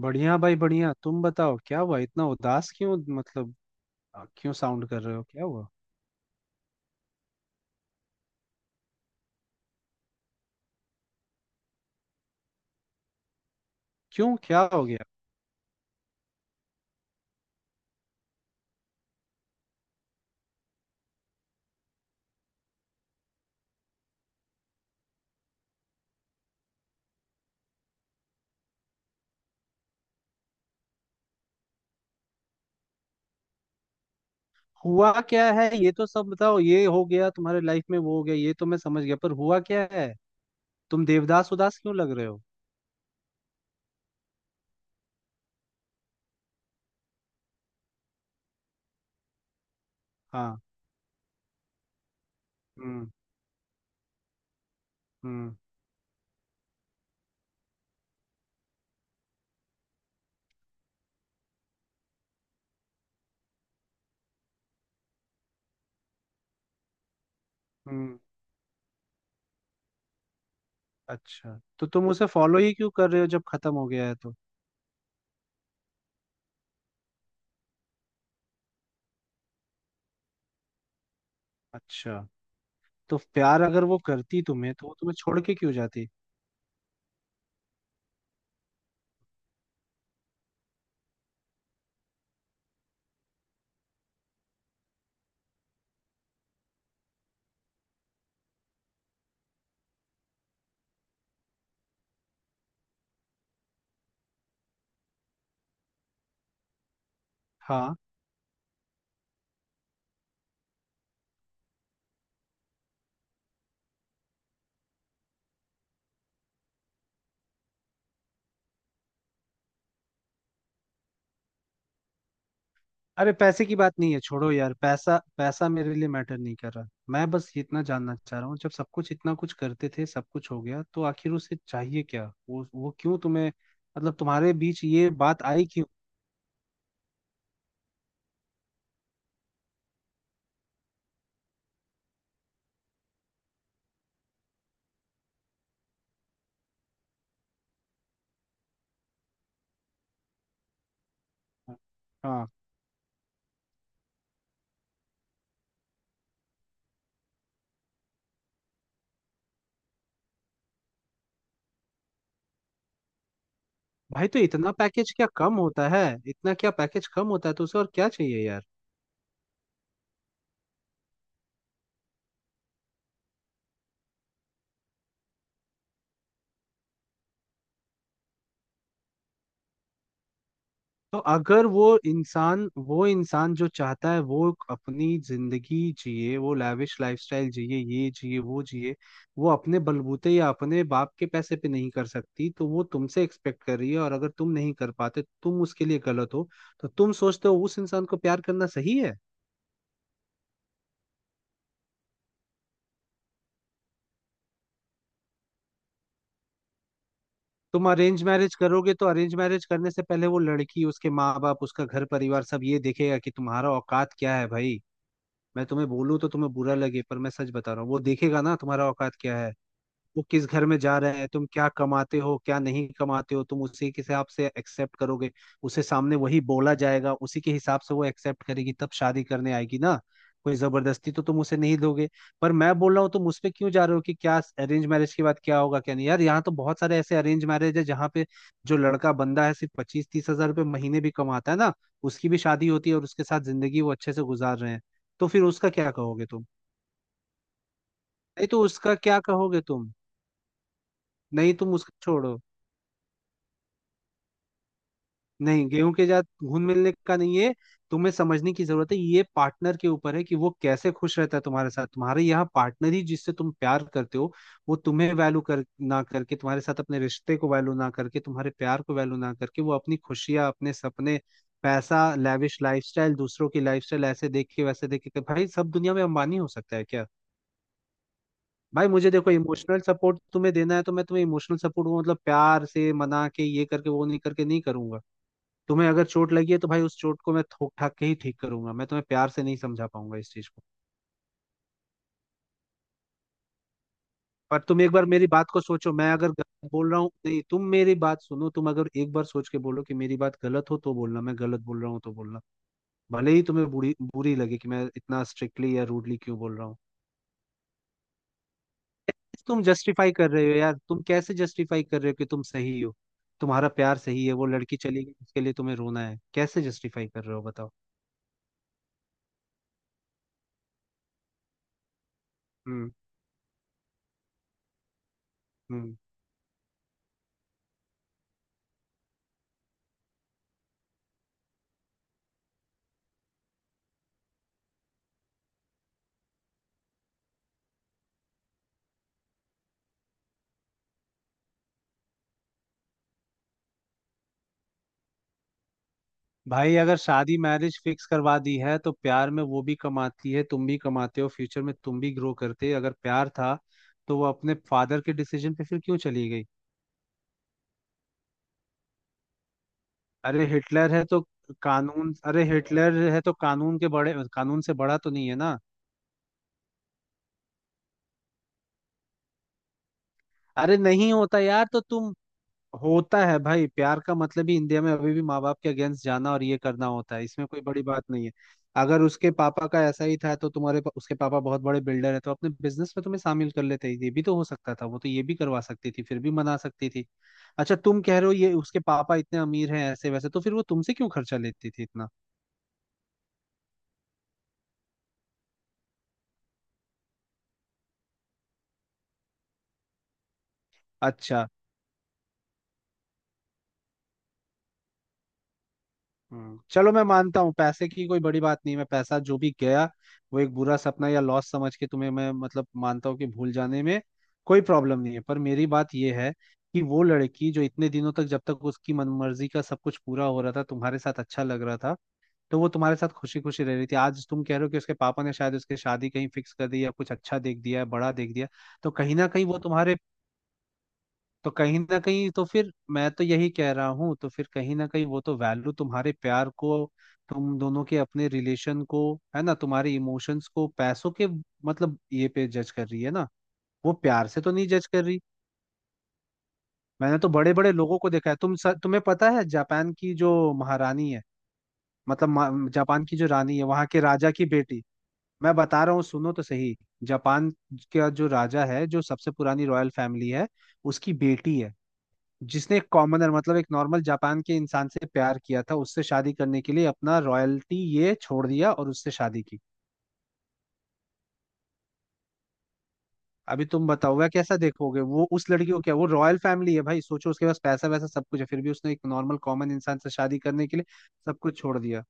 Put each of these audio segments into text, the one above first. बढ़िया भाई बढ़िया। तुम बताओ क्या हुआ, इतना उदास क्यों? क्यों साउंड कर रहे हो? क्या हुआ? क्यों, क्या हो गया? हुआ क्या है ये तो सब बताओ। ये हो गया तुम्हारे लाइफ में, वो हो गया, ये तो मैं समझ गया, पर हुआ क्या है? तुम देवदास उदास क्यों लग रहे हो? हाँ। हम्म। हम्म। हम्म। अच्छा, तो तुम उसे फॉलो ही क्यों कर रहे हो जब खत्म हो गया है तो? अच्छा, तो प्यार अगर वो करती तुम्हें तो वो तुम्हें छोड़ के क्यों जाती? हाँ। अरे, पैसे की बात नहीं है, छोड़ो यार। पैसा पैसा मेरे लिए मैटर नहीं कर रहा। मैं बस ये इतना जानना चाह रहा हूँ, जब सब कुछ इतना कुछ करते थे, सब कुछ हो गया, तो आखिर उसे चाहिए क्या? वो क्यों तुम्हें, मतलब तुम्हारे बीच ये बात आई क्यों? हाँ। भाई, तो इतना पैकेज क्या कम होता है? इतना क्या पैकेज कम होता है, तो उसे और क्या चाहिए यार? तो अगर वो इंसान, वो इंसान जो चाहता है वो अपनी जिंदगी जिए, वो लैविश लाइफस्टाइल जिए, ये जिए वो जिए, वो अपने बलबूते या अपने बाप के पैसे पे नहीं कर सकती, तो वो तुमसे एक्सपेक्ट कर रही है और अगर तुम नहीं कर पाते तुम उसके लिए गलत हो, तो तुम सोचते हो उस इंसान को प्यार करना सही है? तुम अरेंज मैरिज करोगे तो अरेंज मैरिज करने से पहले वो लड़की, उसके माँ बाप, उसका घर परिवार सब ये देखेगा कि तुम्हारा औकात क्या है भाई। मैं तुम्हें बोलूँ तो तुम्हें बुरा लगे, पर मैं सच बता रहा हूँ, वो देखेगा ना तुम्हारा औकात क्या है। वो किस घर में जा रहा है, तुम क्या कमाते हो, क्या नहीं कमाते हो, तुम उसी के हिसाब से एक्सेप्ट करोगे। उसे सामने वही बोला जाएगा, उसी के हिसाब से वो एक्सेप्ट करेगी, तब शादी करने आएगी ना। कोई जबरदस्ती तो तुम उसे नहीं दोगे। पर मैं बोल रहा हूँ, तुम उस पे क्यों जा रहे हो कि क्या अरेंज मैरिज के बाद क्या होगा क्या नहीं। यार, यहाँ तो बहुत सारे ऐसे अरेंज मैरिज है जहाँ पे जो लड़का बंदा है सिर्फ पच्चीस तीस हजार रुपये महीने भी कमाता है ना, उसकी भी शादी होती है और उसके साथ जिंदगी वो अच्छे से गुजार रहे हैं। तो फिर उसका क्या कहोगे तुम? नहीं, तो उसका क्या कहोगे तुम? नहीं, तुम उसको छोड़ो। नहीं, गेहूं के साथ घुल मिलने का नहीं है। तुम्हें समझने की जरूरत है, ये पार्टनर के ऊपर है कि वो कैसे खुश रहता है तुम्हारे साथ। तुम्हारे यहाँ पार्टनर ही जिससे तुम प्यार करते हो, वो तुम्हें वैल्यू कर ना करके, तुम्हारे साथ अपने रिश्ते को वैल्यू ना करके, तुम्हारे प्यार को वैल्यू ना करके, वो अपनी खुशियाँ, अपने सपने, पैसा, लैविश लाइफस्टाइल, दूसरों की लाइफस्टाइल ऐसे देख के वैसे देख के, भाई सब दुनिया में अंबानी हो सकता है क्या? भाई मुझे देखो, इमोशनल सपोर्ट तुम्हें देना है तो मैं तुम्हें इमोशनल सपोर्ट, वो मतलब प्यार से मना के, ये करके वो नहीं करके, नहीं करूंगा। तुम्हें अगर चोट लगी है तो भाई उस चोट को मैं ठोक ठाक के ही ठीक करूंगा, मैं तुम्हें प्यार से नहीं समझा पाऊंगा इस चीज को। पर तुम एक बार मेरी बात को सोचो, मैं अगर गलत बोल रहा हूँ। नहीं, तुम मेरी बात सुनो, तुम अगर एक बार सोच के बोलो कि मेरी बात गलत हो तो बोलना, मैं गलत बोल रहा हूँ तो बोलना। भले ही तुम्हें बुरी बुरी लगे कि मैं इतना स्ट्रिक्टली या रूडली क्यों बोल रहा हूँ। तुम जस्टिफाई कर रहे हो यार, तुम कैसे जस्टिफाई कर रहे हो कि तुम सही हो, तुम्हारा प्यार सही है, वो लड़की चली गई उसके लिए तुम्हें रोना है, कैसे जस्टिफाई कर रहे हो बताओ? हम्म। हम्म। भाई अगर शादी मैरिज फिक्स करवा दी है, तो प्यार में वो भी कमाती है, तुम भी कमाते हो, फ्यूचर में तुम भी ग्रो करते, अगर प्यार था तो वो अपने फादर के डिसीजन पे फिर क्यों चली गई? अरे हिटलर है तो कानून, अरे हिटलर है तो कानून के बड़े, कानून से बड़ा तो नहीं है ना। अरे नहीं होता यार, तो तुम, होता है भाई। प्यार का मतलब ही इंडिया में अभी भी माँ बाप के अगेंस्ट जाना और ये करना होता है, इसमें कोई बड़ी बात नहीं है। अगर उसके पापा का ऐसा ही था तो तुम्हारे पा- उसके पापा बहुत बड़े बिल्डर है तो अपने बिजनेस में तुम्हें शामिल कर लेते, ये भी तो हो सकता था, वो तो ये भी करवा सकती थी, फिर भी मना सकती थी। अच्छा, तुम कह रहे हो ये उसके पापा इतने अमीर हैं ऐसे वैसे, तो फिर वो तुमसे क्यों खर्चा लेती थी इतना? अच्छा। हम्म। चलो, मैं मानता हूँ पैसे की कोई बड़ी बात नहीं, मैं पैसा जो भी गया वो एक बुरा सपना या लॉस समझ के, तुम्हें मैं मतलब मानता हूँ कि भूल जाने में कोई प्रॉब्लम नहीं है। पर मेरी बात यह है कि वो लड़की जो इतने दिनों तक, जब तक उसकी मनमर्जी का सब कुछ पूरा हो रहा था, तुम्हारे साथ अच्छा लग रहा था, तो वो तुम्हारे साथ खुशी खुशी रह रही थी। आज तुम कह रहे हो कि उसके पापा ने शायद उसकी शादी कहीं फिक्स कर दी या कुछ अच्छा देख दिया है, बड़ा देख दिया, तो कहीं ना कहीं वो तुम्हारे, तो कहीं ना कहीं, तो फिर मैं तो यही कह रहा हूँ, तो फिर कहीं ना कहीं वो तो वैल्यू तुम्हारे प्यार को, तुम दोनों के अपने रिलेशन को, है ना, तुम्हारे इमोशंस को, पैसों के मतलब ये पे जज कर रही है ना, वो प्यार से तो नहीं जज कर रही। मैंने तो बड़े बड़े लोगों को देखा है। तुम स- तुम्हें पता है जापान की जो महारानी है, मतलब मा- जापान की जो रानी है, वहां के राजा की बेटी। मैं बता रहा हूँ सुनो तो सही। जापान का जो राजा है, जो सबसे पुरानी रॉयल फैमिली है, उसकी बेटी है जिसने एक कॉमनर मतलब एक नॉर्मल जापान के इंसान से प्यार किया था, उससे शादी करने के लिए अपना रॉयल्टी ये छोड़ दिया और उससे शादी की। अभी तुम बताओ वह कैसा, देखोगे वो उस लड़की को, क्या वो रॉयल फैमिली है भाई, सोचो। उसके पास पैसा वैसा सब कुछ है, फिर भी उसने एक नॉर्मल कॉमन इंसान से शादी करने के लिए सब कुछ छोड़ दिया।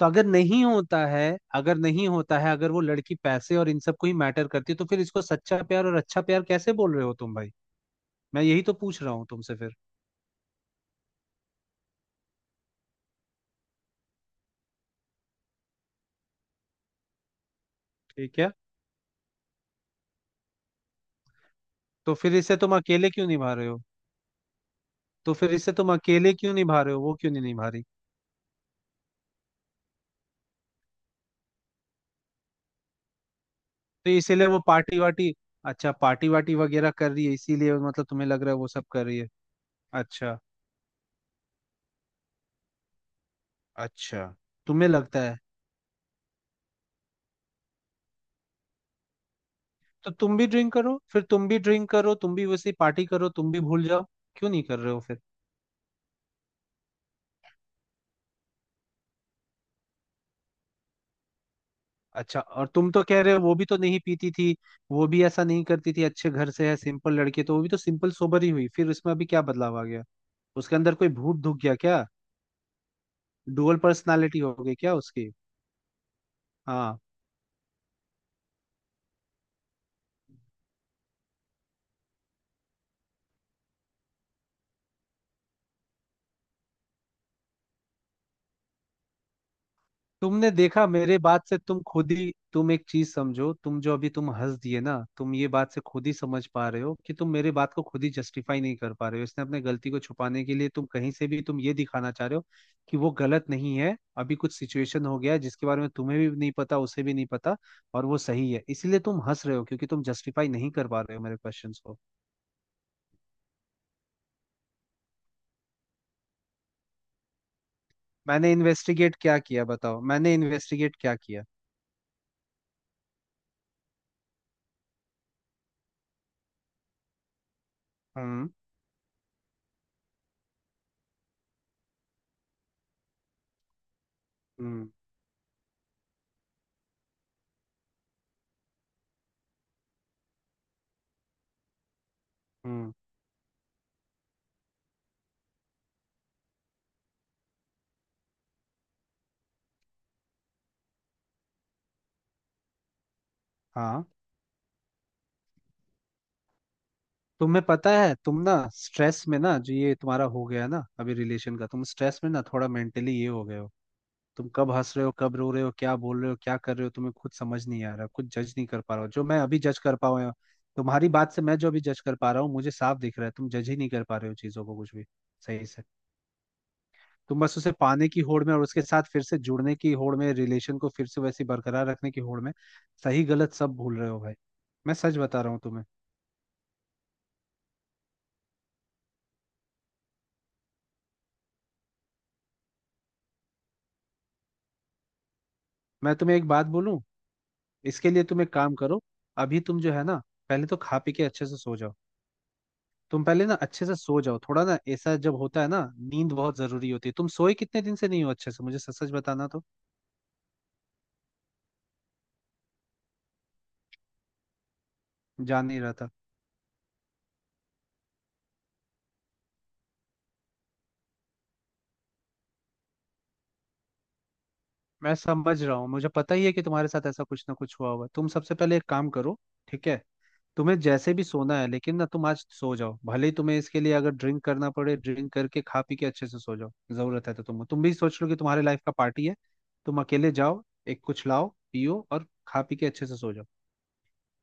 तो अगर नहीं होता है, अगर नहीं होता है, अगर वो लड़की पैसे और इन सब को ही मैटर करती है, तो फिर इसको सच्चा प्यार और अच्छा प्यार कैसे बोल रहे हो तुम भाई? मैं यही तो पूछ रहा हूँ तुमसे फिर। ठीक है। तो फिर इसे तुम अकेले क्यों निभा रहे हो? तो फिर इसे तुम अकेले क्यों निभा रहे हो, वो क्यों नहीं निभा रही? तो इसीलिए वो पार्टी वार्टी, अच्छा पार्टी वार्टी वगैरह कर रही है इसीलिए, मतलब तुम्हें लग रहा है वो सब कर रही है। अच्छा। अच्छा, तुम्हें लगता है? तो तुम भी ड्रिंक करो फिर, तुम भी ड्रिंक करो, तुम भी वैसे ही पार्टी करो, तुम भी भूल जाओ। क्यों नहीं कर रहे हो फिर? अच्छा, और तुम तो कह रहे हो वो भी तो नहीं पीती थी, वो भी ऐसा नहीं करती थी, अच्छे घर से है सिंपल लड़के, तो वो भी तो सिंपल सोबर ही हुई, फिर उसमें अभी क्या बदलाव आ गया? उसके अंदर कोई भूत दुख गया क्या? डुअल पर्सनालिटी हो गई क्या उसकी? हाँ। तुमने देखा, मेरे बात से तुम खुद ही, तुम एक चीज समझो, तुम जो अभी तुम हंस दिए ना, तुम ये बात से खुद ही समझ पा रहे हो कि तुम मेरे बात को खुद ही जस्टिफाई नहीं कर पा रहे हो। इसने अपने गलती को छुपाने के लिए तुम कहीं से भी तुम ये दिखाना चाह रहे हो कि वो गलत नहीं है, अभी कुछ सिचुएशन हो गया है जिसके बारे में तुम्हें भी नहीं पता, उसे भी नहीं पता, और वो सही है, इसीलिए तुम हंस रहे हो क्योंकि तुम जस्टिफाई नहीं कर पा रहे हो मेरे क्वेश्चंस को। मैंने इन्वेस्टिगेट क्या किया बताओ, मैंने इन्वेस्टिगेट क्या किया? हम्म। हम्म। हम्म। हाँ। तुम्हें पता है, तुम ना स्ट्रेस में, ना जो ये तुम्हारा हो गया ना अभी रिलेशन का, तुम स्ट्रेस में ना थोड़ा मेंटली ये हो गए हो। तुम कब हंस रहे हो, कब रो रहे हो, क्या बोल रहे हो, क्या कर रहे हो, तुम्हें खुद समझ नहीं आ रहा, खुद जज नहीं कर पा रहा हो जो मैं अभी जज कर पाऊँ। तुम्हारी बात से मैं जो अभी जज कर पा रहा हूँ, मुझे साफ दिख रहा है तुम जज ही नहीं कर पा रहे हो चीजों को कुछ भी सही से। तुम बस उसे पाने की होड़ में और उसके साथ फिर से जुड़ने की होड़ में, रिलेशन को फिर से वैसे ही बरकरार रखने की होड़ में सही गलत सब भूल रहे हो भाई। मैं सच बता रहा हूँ तुम्हें। मैं तुम्हें एक बात बोलूं, इसके लिए तुम एक काम करो। अभी तुम जो है ना, पहले तो खा पी के अच्छे से सो जाओ। तुम पहले ना अच्छे से सो जाओ, थोड़ा ना ऐसा जब होता है ना, नींद बहुत जरूरी होती है। तुम सोए कितने दिन से नहीं हो अच्छे से, मुझे सच सच बताना तो। जान नहीं रहा था। मैं समझ रहा हूँ, मुझे पता ही है कि तुम्हारे साथ ऐसा कुछ ना कुछ हुआ होगा। तुम सबसे पहले एक काम करो, ठीक है। तुम्हें जैसे भी सोना है, लेकिन ना तुम आज सो जाओ, भले ही तुम्हें इसके लिए अगर ड्रिंक करना पड़े, ड्रिंक करके खा पी के अच्छे से सो जाओ। जरूरत है तो तुम भी सोच लो कि तुम्हारे लाइफ का पार्टी है। तुम अकेले जाओ, एक कुछ लाओ, पियो और खा पी के अच्छे से सो जाओ।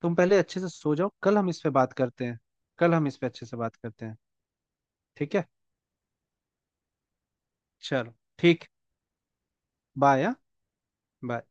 तुम पहले अच्छे से सो जाओ, कल हम इस पे बात करते हैं। कल हम इस पे अच्छे से बात करते हैं। ठीक है। चलो। ठीक। बाय। हाँ बाय।